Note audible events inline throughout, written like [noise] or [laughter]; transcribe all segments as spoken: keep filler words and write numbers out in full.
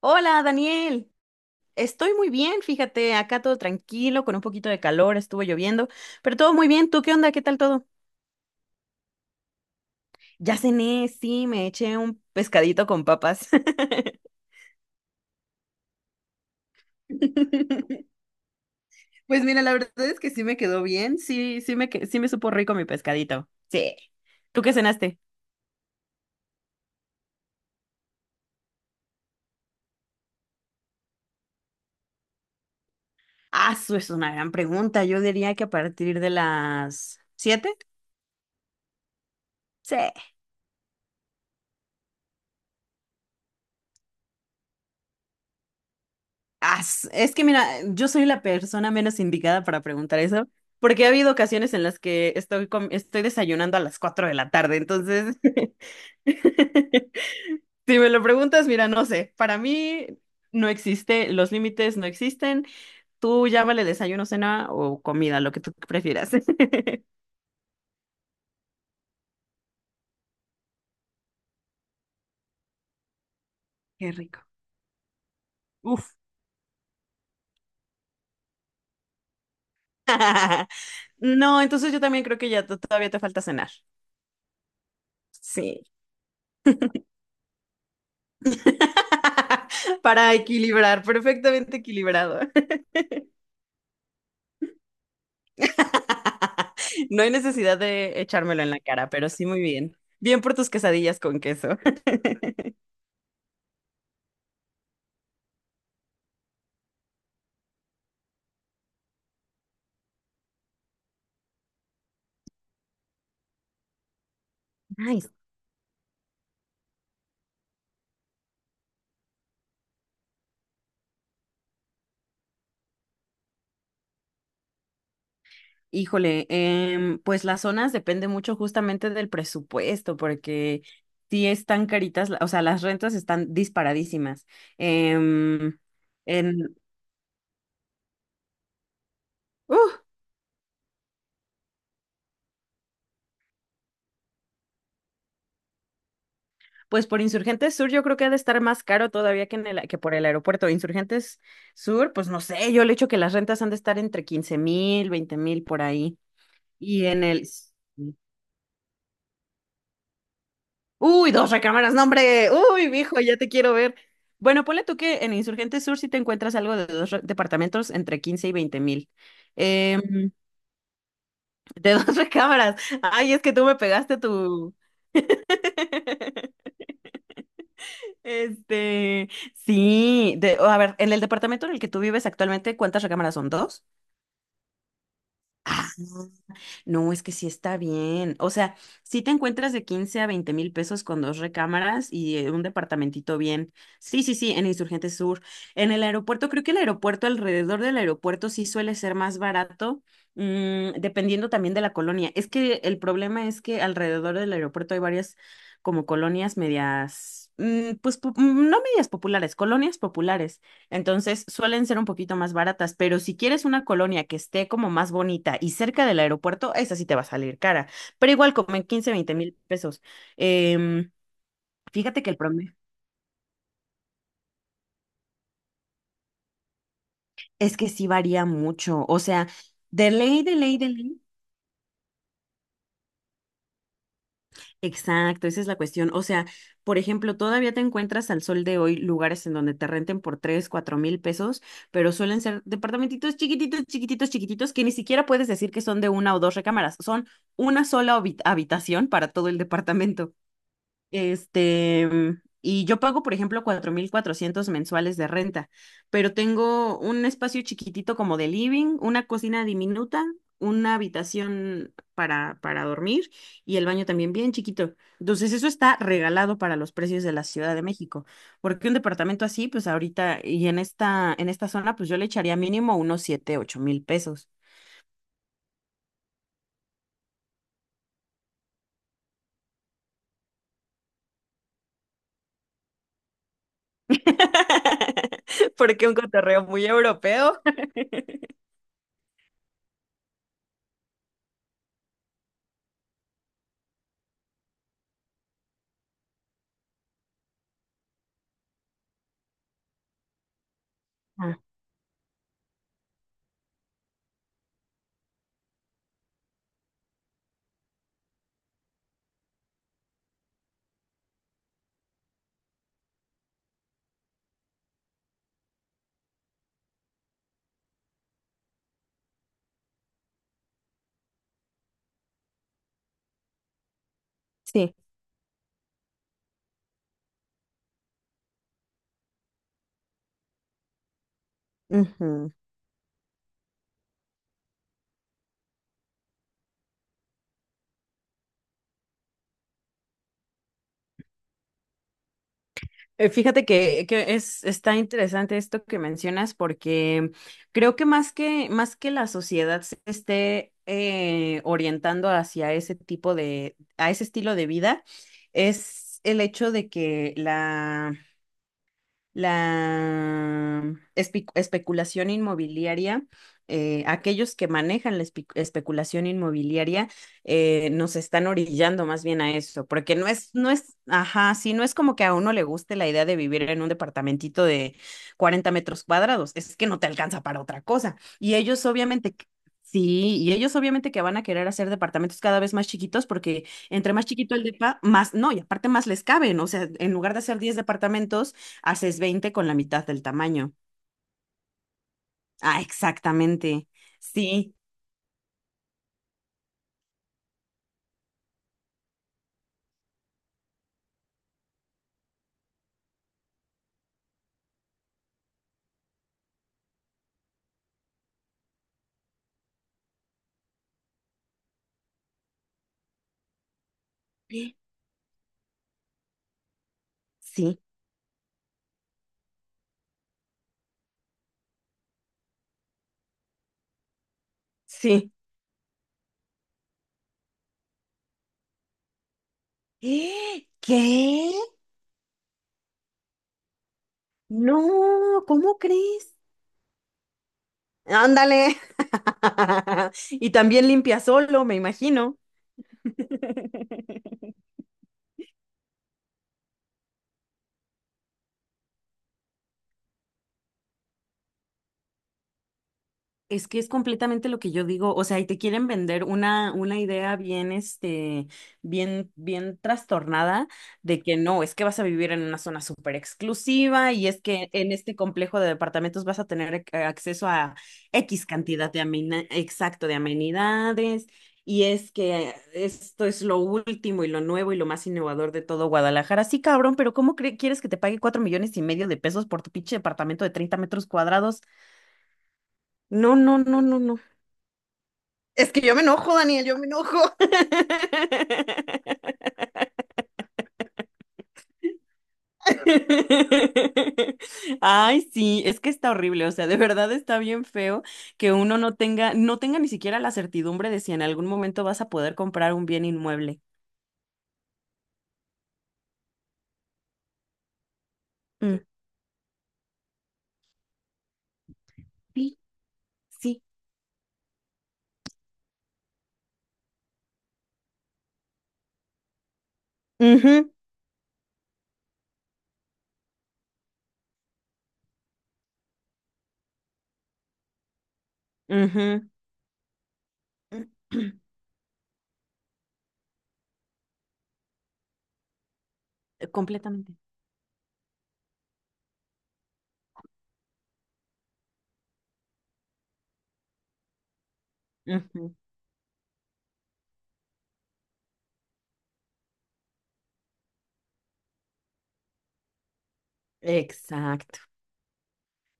Hola, Daniel. Estoy muy bien, fíjate, acá todo tranquilo, con un poquito de calor, estuvo lloviendo, pero todo muy bien. ¿Tú qué onda? ¿Qué tal todo? Ya cené, sí, me eché un pescadito con papas. [laughs] Pues mira, la verdad es que sí me quedó bien, sí, sí me, que- sí me supo rico mi pescadito. Sí. ¿Tú qué cenaste? Ah, eso es una gran pregunta. Yo diría que a partir de las siete. Sí. As- es que mira, yo soy la persona menos indicada para preguntar eso, porque ha habido ocasiones en las que estoy, com- estoy desayunando a las cuatro de la tarde, entonces, [laughs] si me lo preguntas, mira, no sé, para mí no existe, los límites no existen, tú llámale desayuno, cena o comida, lo que tú prefieras. [laughs] Qué rico. Uf. [laughs] No, entonces yo también creo que ya to- todavía te falta cenar. Sí. [laughs] Para equilibrar, perfectamente equilibrado. [laughs] No hay necesidad de echármelo en la cara, pero sí muy bien. Bien por tus quesadillas con queso. [laughs] Nice. Híjole, em, pues las zonas depende mucho justamente del presupuesto, porque sí están caritas, la- o sea, las rentas están disparadísimas. Em, en, ¡Uh! Pues por Insurgentes Sur yo creo que ha de estar más caro todavía que, en el, que por el aeropuerto. Insurgentes Sur, pues no sé, yo le echo que las rentas han de estar entre quince mil, veinte mil por ahí. Y en el... Uy, dos recámaras, no, hombre. Uy, viejo, ya te quiero ver. Bueno, ponle tú que en Insurgente Sur sí te encuentras algo de dos re- departamentos entre quince y veinte mil. Em, de dos [laughs] recámaras. Ay, es que tú me pegaste tu... [laughs] Este, sí, de, a ver, en el departamento en el que tú vives actualmente, ¿cuántas recámaras son? ¿Dos? No, es que sí está bien. O sea, sí te encuentras de quince a veinte mil pesos con dos recámaras y eh, un departamentito bien. Sí, sí, sí, en Insurgente Sur. En el aeropuerto, creo que el aeropuerto, alrededor del aeropuerto, sí suele ser más barato, mm, dependiendo también de la colonia. Es que el problema es que alrededor del aeropuerto hay varias como colonias medias, mm, pues po- mm, no medias populares, colonias populares. Entonces suelen ser un poquito más baratas, pero si quieres una colonia que esté como más bonita y cerca del aeropuerto, esa sí te va a salir cara. Pero igual como en quince veinte mil pesos. Em, Fíjate que el promedio es que sí varía mucho. O sea, de ley, de ley, de ley. Exacto, esa es la cuestión. O sea, por ejemplo, todavía te encuentras al sol de hoy lugares en donde te renten por tres, cuatro mil pesos, pero suelen ser departamentitos chiquititos, chiquititos, chiquititos, que ni siquiera puedes decir que son de una o dos recámaras, son una sola habi- habitación para todo el departamento. Este, y yo pago, por ejemplo, cuatro mil cuatrocientos mensuales de renta, pero tengo un espacio chiquitito como de living, una cocina diminuta, una habitación para, para dormir y el baño también bien chiquito. Entonces, eso está regalado para los precios de la Ciudad de México, porque un departamento así, pues ahorita y en esta, en esta zona, pues yo le echaría mínimo unos siete, ocho mil pesos. [laughs] Porque un cotorreo muy europeo. Ah, sí. Ujú. Eh, Fíjate que, que, es, está interesante esto que mencionas porque creo que más que, más que la sociedad se esté eh, orientando hacia ese tipo de, a ese estilo de vida, es el hecho de que la la espe- especulación inmobiliaria, eh, aquellos que manejan la espe- especulación inmobiliaria eh, nos están orillando más bien a eso, porque no es, no es, ajá, sí, no es como que a uno le guste la idea de vivir en un departamentito de cuarenta metros cuadrados, es que no te alcanza para otra cosa. Y ellos obviamente... que- Sí, y ellos obviamente que van a querer hacer departamentos cada vez más chiquitos porque entre más chiquito el depa, más, no, y aparte más les caben, o sea, en lugar de hacer diez departamentos, haces veinte con la mitad del tamaño. Ah, exactamente. Sí, sí, sí. Sí. ¡Eh! ¿Qué? No, ¿cómo crees? Ándale. [laughs] Y también limpia solo, me imagino. [laughs] Es que es completamente lo que yo digo, o sea, y te quieren vender una, una idea bien, este, bien, bien trastornada de que no, es que vas a vivir en una zona súper exclusiva y es que en este complejo de departamentos vas a tener ac- eh, acceso a X cantidad de amena- exacto, de amenidades y es que esto es lo último y lo nuevo y lo más innovador de todo Guadalajara. Sí, cabrón, pero ¿cómo cre- quieres que te pague cuatro millones y medio de pesos por tu pinche departamento de treinta metros cuadrados? No, no, no, no, no. Es que yo me enojo, Daniel, yo me enojo. [laughs] Ay, sí, es que está horrible, o sea, de verdad está bien feo que uno no tenga, no tenga ni siquiera la certidumbre de si en algún momento vas a poder comprar un bien inmueble. Mm. Sí, sí. Ujú. Ujú. [clears throat] Completamente. Ujú. Exacto.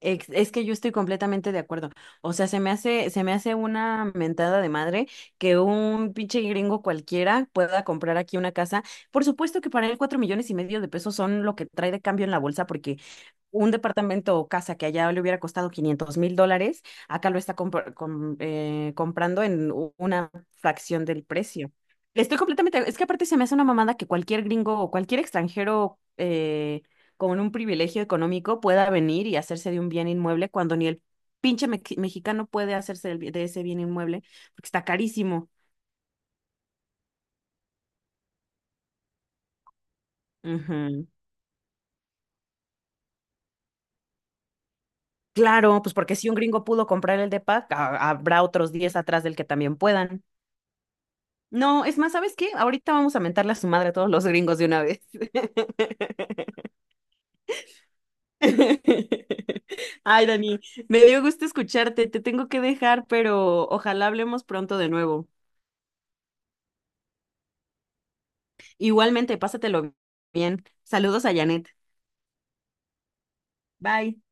Ex- Es que yo estoy completamente de acuerdo. O sea, se me hace, se me hace una mentada de madre que un pinche gringo cualquiera pueda comprar aquí una casa. Por supuesto que para él cuatro millones y medio de pesos son lo que trae de cambio en la bolsa, porque un departamento o casa que allá le hubiera costado quinientos mil dólares, acá lo está compra- com- eh, comprando en u- una fracción del precio. Estoy completamente, es que aparte se me hace una mamada que cualquier gringo o cualquier extranjero eh, con un privilegio económico pueda venir y hacerse de un bien inmueble cuando ni el pinche me- mexicano puede hacerse del bi- de ese bien inmueble porque está carísimo. Ujú. Claro, pues porque si un gringo pudo comprar el depa, ha- habrá otros diez atrás del que también puedan. No, es más, ¿sabes qué? Ahorita vamos a mentarle a su madre a todos los gringos de una vez. [laughs] Ay, Dani, me dio gusto escucharte, te tengo que dejar, pero ojalá hablemos pronto de nuevo. Igualmente, pásatelo bien. Saludos a Janet. Bye.